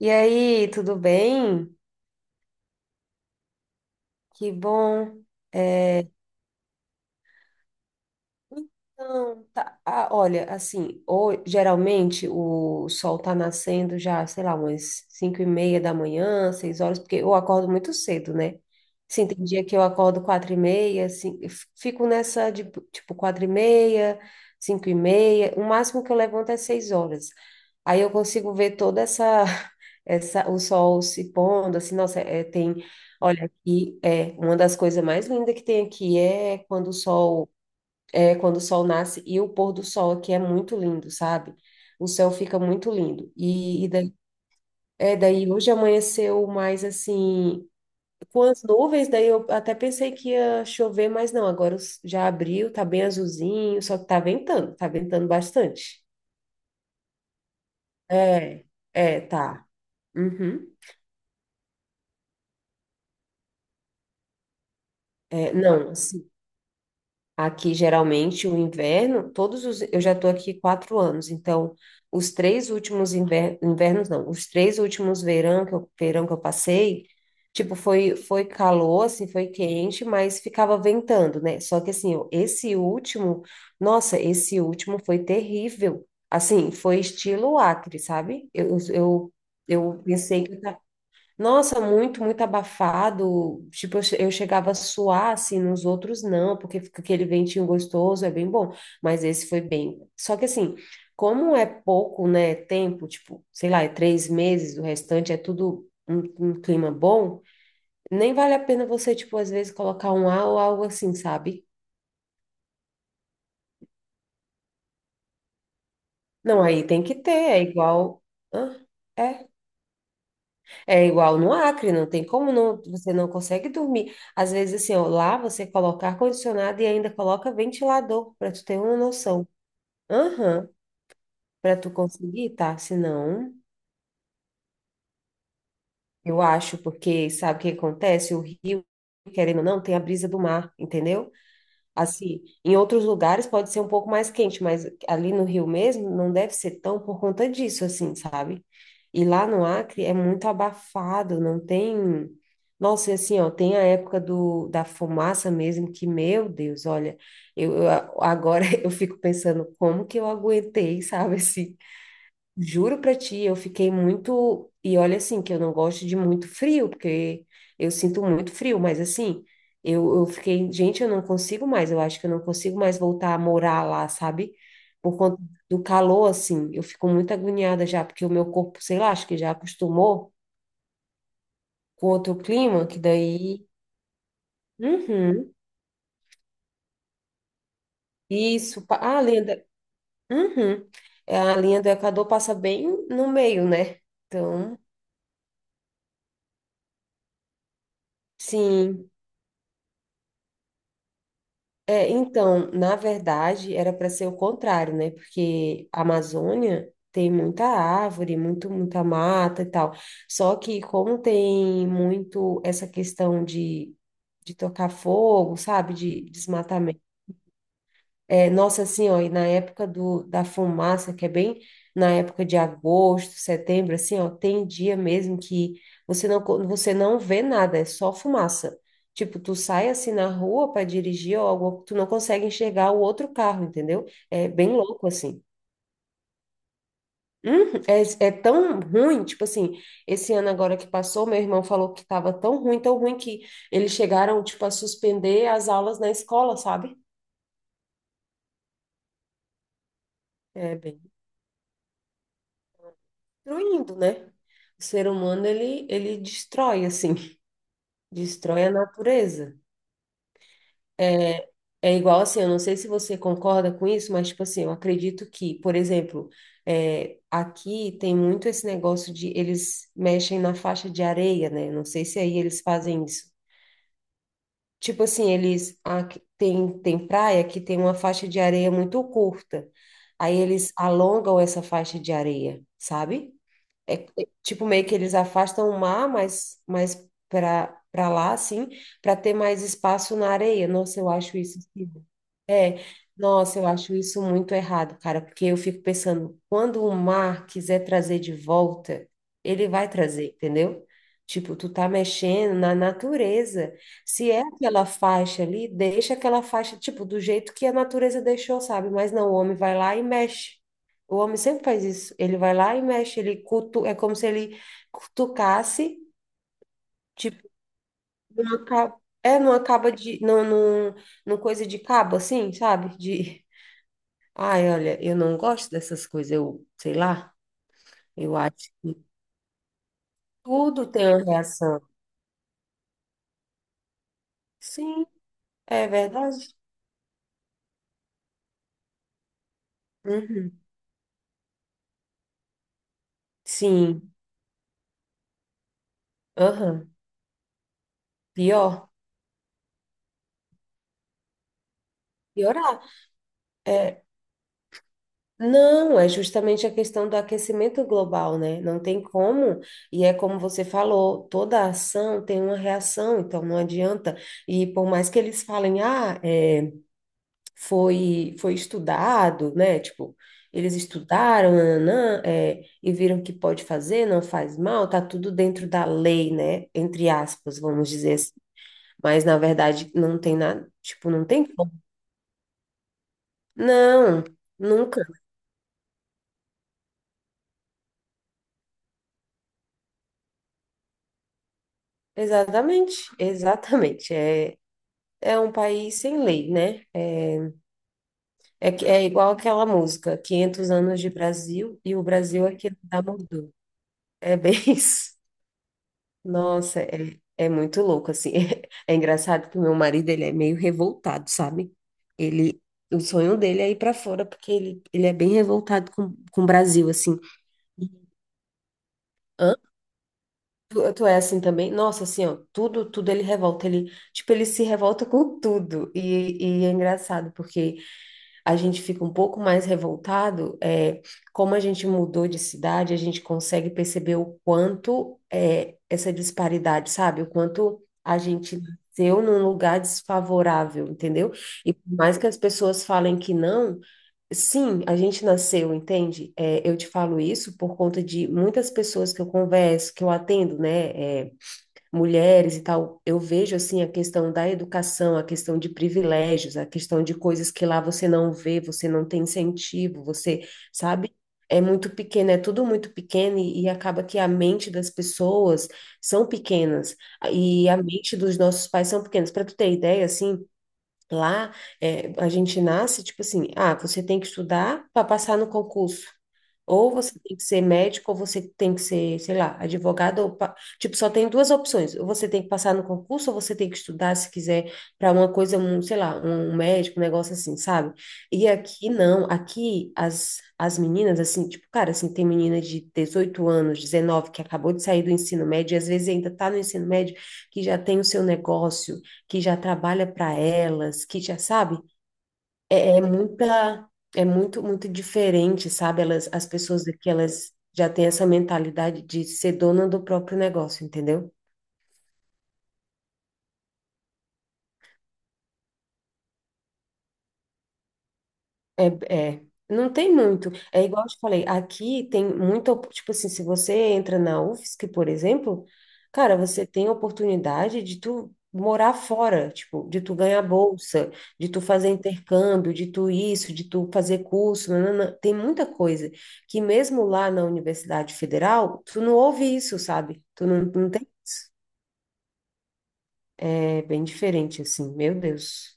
E aí, tudo bem? Que bom. É, então, tá. Ah, olha, assim, ou, geralmente o sol tá nascendo já, sei lá, umas 5:30 da manhã, 6 horas, porque eu acordo muito cedo, né? Sim, tem dia que eu acordo 4:30, assim, fico nessa de, tipo, 4:30, 5:30, o máximo que eu levanto é 6 horas. Aí eu consigo ver toda essa, o sol se pondo, assim, nossa, tem, olha, aqui, uma das coisas mais lindas que tem aqui é quando o sol quando o sol nasce e o pôr do sol aqui é muito lindo, sabe? O céu fica muito lindo. E daí, daí hoje amanheceu mais assim, com as nuvens, daí eu até pensei que ia chover, mas não, agora já abriu, tá bem azulzinho, só que tá ventando bastante. É, tá. Uhum. Não, assim. Aqui, geralmente, o inverno, eu já estou aqui 4 anos, então, os três últimos inver, invernos, não, os três últimos verão verão que eu passei, tipo, foi calor, assim, foi quente, mas ficava ventando, né? Só que, assim, esse último, nossa, esse último foi terrível. Assim, foi estilo Acre, sabe? Eu pensei que eu nossa, muito, muito abafado. Tipo, eu chegava a suar, assim, nos outros não, porque fica aquele ventinho gostoso, é bem bom. Mas esse foi bem. Só que, assim, como é pouco, né, tempo, tipo, sei lá, é 3 meses, o restante é tudo um, um clima bom, nem vale a pena você, tipo, às vezes colocar um A ou algo assim, sabe? Não, aí tem que ter, é igual. Hã? É. É igual no Acre, não tem como não, você não consegue dormir. Às vezes, assim, ó, lá você coloca ar-condicionado e ainda coloca ventilador, para tu ter uma noção. Aham, para tu conseguir, tá? Senão, eu acho, porque sabe o que acontece? O rio, querendo ou não, tem a brisa do mar, entendeu? Assim, em outros lugares pode ser um pouco mais quente, mas ali no Rio mesmo não deve ser tão por conta disso, assim, sabe? E lá no Acre é muito abafado, não tem. Nossa, e assim, ó, tem a época da fumaça mesmo, que, meu Deus, olha, eu, eu- agora eu fico pensando como que eu aguentei, sabe, assim, juro pra ti, eu fiquei muito. E olha assim, que eu não gosto de muito frio, porque eu sinto muito frio, mas assim, eu fiquei, gente, eu não consigo mais, eu acho que eu não consigo mais voltar a morar lá, sabe? Por conta do calor, assim, eu fico muito agoniada já, porque o meu corpo, sei lá, acho que já acostumou com outro clima, que daí. Uhum. Isso, ah, a linha do... Uhum. É, a linha do Equador passa bem no meio, né? Então, sim. É, então, na verdade, era para ser o contrário, né? Porque a Amazônia tem muita árvore, muito, muita mata e tal. Só que como tem muito essa questão de tocar fogo, sabe? De nossa, assim, ó, e na época da fumaça, que é bem na época de agosto, setembro, assim, ó, tem dia mesmo que você não vê nada, é só fumaça. Tipo, tu sai assim na rua para dirigir ou algo, tu não consegue enxergar o outro carro, entendeu? É bem louco, assim. É tão ruim, tipo assim, esse ano agora que passou, meu irmão falou que tava tão ruim que eles chegaram, tipo, a suspender as aulas na escola, sabe? É bem destruindo, né? O ser humano, ele destrói, assim, destrói a natureza. É igual assim, eu não sei se você concorda com isso, mas, tipo assim, eu acredito que, por exemplo, aqui tem muito esse negócio de eles mexem na faixa de areia, né? Não sei se aí eles fazem isso. Tipo assim, tem, tem praia que tem uma faixa de areia muito curta. Aí eles alongam essa faixa de areia, sabe? É, é, tipo, meio que eles afastam o mar, mas para lá, assim, para ter mais espaço na areia. Nossa, eu acho isso, assim, é, nossa, eu acho isso muito errado, cara, porque eu fico pensando, quando o mar quiser trazer de volta, ele vai trazer, entendeu? Tipo, tu tá mexendo na natureza. Se é aquela faixa ali, deixa aquela faixa, tipo, do jeito que a natureza deixou, sabe? Mas não, o homem vai lá e mexe. O homem sempre faz isso. Ele vai lá e mexe, ele cutu... é como se ele cutucasse, tipo, numa ca- é numa caba de. Num, numa coisa de cabo, assim, sabe? De. Ai, olha, eu não gosto dessas coisas, eu sei lá, eu acho que tudo tem uma reação. Sim, é verdade. Uhum. Sim, aham. Pior. Piorar. É, Não, é justamente a questão do aquecimento global, né? Não tem como, e é como você falou, toda ação tem uma reação, então não adianta. E por mais que eles falem, ah, foi estudado, né? Tipo, eles estudaram, nananã, e viram que pode fazer, não faz mal, tá tudo dentro da lei, né? Entre aspas, vamos dizer assim. Mas na verdade não tem nada, tipo, não tem como. Não, nunca. Exatamente, exatamente. É um país sem lei, né? É igual aquela música, 500 anos de Brasil e o Brasil aqui da mudou. É bem isso. Nossa, é muito louco, assim. É, engraçado que o meu marido, ele é meio revoltado, sabe? Ele, o sonho dele é ir para fora, porque ele é bem revoltado com o Brasil, assim. Hã? Tu é assim também? Nossa, assim, ó, tudo ele revolta, ele, tipo, ele se revolta com tudo, e é engraçado, porque a gente fica um pouco mais revoltado, é, como a gente mudou de cidade, a gente consegue perceber o quanto é, essa disparidade, sabe? O quanto a gente nasceu num lugar desfavorável, entendeu? E por mais que as pessoas falem que não, sim, a gente nasceu, entende? É, eu te falo isso por conta de muitas pessoas que eu converso, que eu atendo, né? É, mulheres e tal, eu vejo assim a questão da educação, a questão de privilégios, a questão de coisas que lá você não vê, você não tem incentivo, você, sabe? É muito pequeno, é tudo muito pequeno e acaba que a mente das pessoas são pequenas e a mente dos nossos pais são pequenas. Para tu ter ideia, assim, lá é, a gente nasce tipo assim, ah, você tem que estudar para passar no concurso. Ou você tem que ser médico, ou você tem que ser, sei lá, advogado. Tipo, só tem duas opções. Ou você tem que passar no concurso, ou você tem que estudar, se quiser, para uma coisa, um, sei lá, um médico, um negócio assim, sabe? E aqui não. Aqui as meninas, assim, tipo, cara, assim, tem menina de 18 anos, 19 que acabou de sair do ensino médio, e às vezes ainda tá no ensino médio, que já tem o seu negócio, que já trabalha para elas, que já sabe? É, é muita, é muito, muito diferente, sabe? Elas, as pessoas aqui, elas já têm essa mentalidade de ser dona do próprio negócio, entendeu? É, é. Não tem muito. É igual eu te falei, aqui tem tipo assim, se você entra na UFSC, por exemplo, cara, você tem a oportunidade de tu morar fora, tipo, de tu ganhar bolsa, de tu fazer intercâmbio, de tu isso, de tu fazer curso, nanana. Tem muita coisa que mesmo lá na Universidade Federal, tu não ouve isso, sabe? Tu não, não tem. É bem diferente, assim, meu Deus.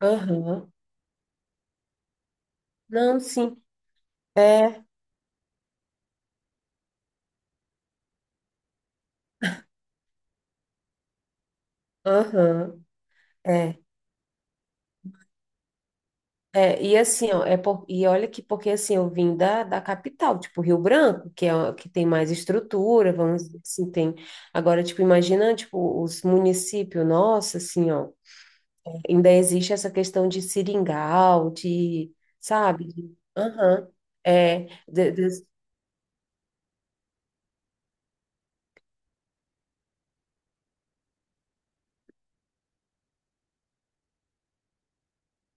Aham. Não, sim. É, aham. É. E assim, ó, é por, e olha que porque assim, eu vim da capital, tipo Rio Branco, que que tem mais estrutura, vamos dizer assim, tem. Agora, tipo, imagina, tipo, os municípios, nossa, assim, ó, ainda existe essa questão de seringal, de, sabe? Aham. é, de- de-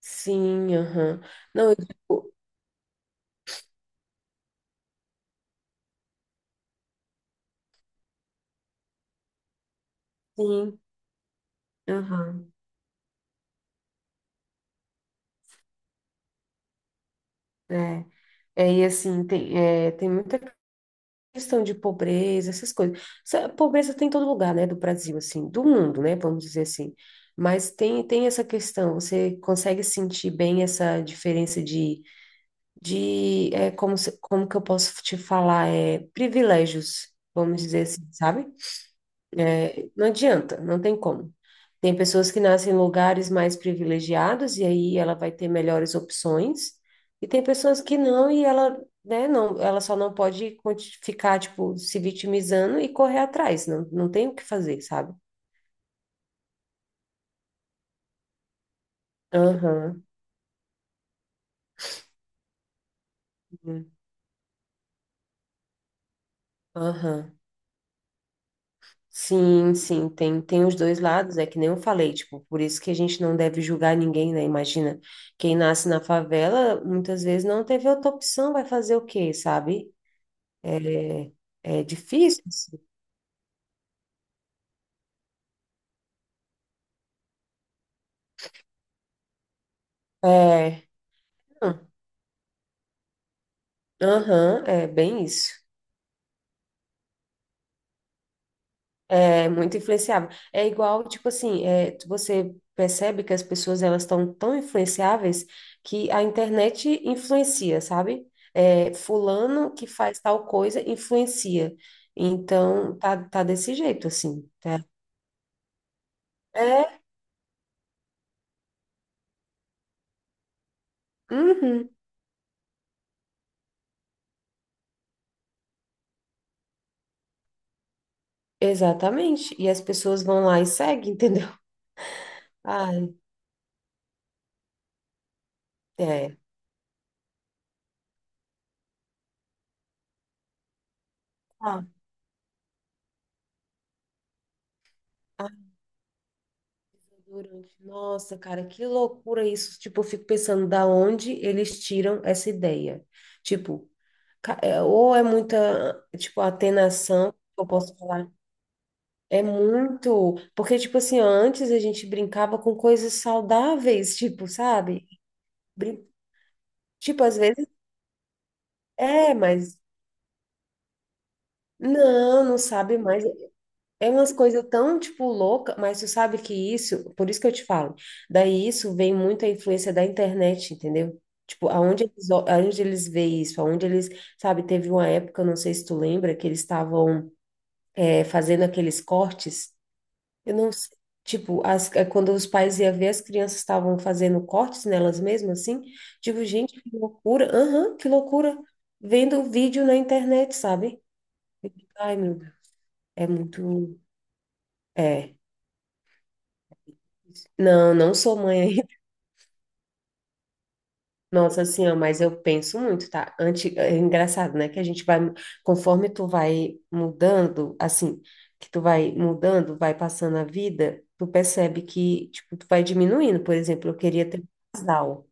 sim, aham. Não, eu digo, sim, aham. é, e assim, tem, é, tem muita questão de pobreza, essas coisas. Essa pobreza tem em todo lugar, né, do Brasil, assim, do mundo, né, vamos dizer assim. Mas tem, tem essa questão, você consegue sentir bem essa diferença de é, como, como que eu posso te falar, é, privilégios, vamos dizer assim, sabe? Não adianta, não tem como. Tem pessoas que nascem em lugares mais privilegiados e aí ela vai ter melhores opções, e tem pessoas que não e ela, né, não, ela só não pode ficar, tipo, se vitimizando e correr atrás, não, não tem o que fazer, sabe? Aham, uhum, aham. Sim, sim, tem, tem os dois lados, é que nem eu falei, tipo, por isso que a gente não deve julgar ninguém, né? Imagina, quem nasce na favela, muitas vezes não teve outra opção, vai fazer o quê, sabe? É, é difícil, assim. É, não, aham, é bem isso. É muito influenciável. É igual, tipo assim, você percebe que as pessoas elas estão tão influenciáveis que a internet influencia, sabe? Fulano que faz tal coisa influencia. Então, tá, tá desse jeito, assim, tá? É, uhum, exatamente. E as pessoas vão lá e seguem, entendeu? Ai, é. Ah. Nossa, cara, que loucura isso. Tipo, eu fico pensando da onde eles tiram essa ideia. Tipo, ou é muita, tipo, atenação, eu posso falar. É muito, porque, tipo assim, ó, antes a gente brincava com coisas saudáveis, tipo, sabe? Brin- Tipo, às vezes, mas não, não sabe mais é umas coisas tão, tipo, louca, mas tu sabe que isso, por isso que eu te falo, daí isso vem muito a influência da internet, entendeu? Tipo, aonde eles, aonde eles veem isso, aonde eles, sabe, teve uma época, não sei se tu lembra, que eles estavam fazendo aqueles cortes, eu não sei, tipo, quando os pais iam ver, as crianças estavam fazendo cortes nelas mesmas, assim, tipo, gente, que loucura, aham, que loucura, vendo vídeo na internet, sabe? Ai, meu Deus, é muito, é... Não, não sou mãe. Nossa, assim, ó, mas eu penso muito, tá? Antes, é engraçado, né? Que a gente vai, conforme tu vai mudando, assim, que tu vai mudando, vai passando a vida, tu percebe que, tipo, tu vai diminuindo. Por exemplo, eu queria ter um casal.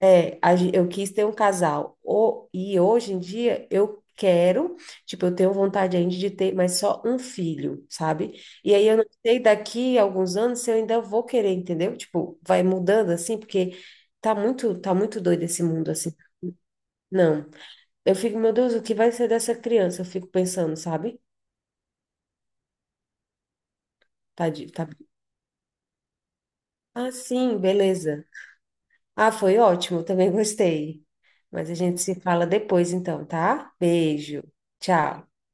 Eu quis ter um casal. O, e hoje em dia eu quero, tipo, eu tenho vontade ainda de ter, mas só um filho, sabe? E aí eu não sei daqui a alguns anos se eu ainda vou querer, entendeu? Tipo, vai mudando assim, porque tá muito, tá muito doido esse mundo assim. Não. Eu fico, meu Deus, o que vai ser dessa criança? Eu fico pensando, sabe? Tá... Ah, sim, beleza. Ah, foi ótimo, também gostei. Mas a gente se fala depois então, tá? Beijo. Tchau.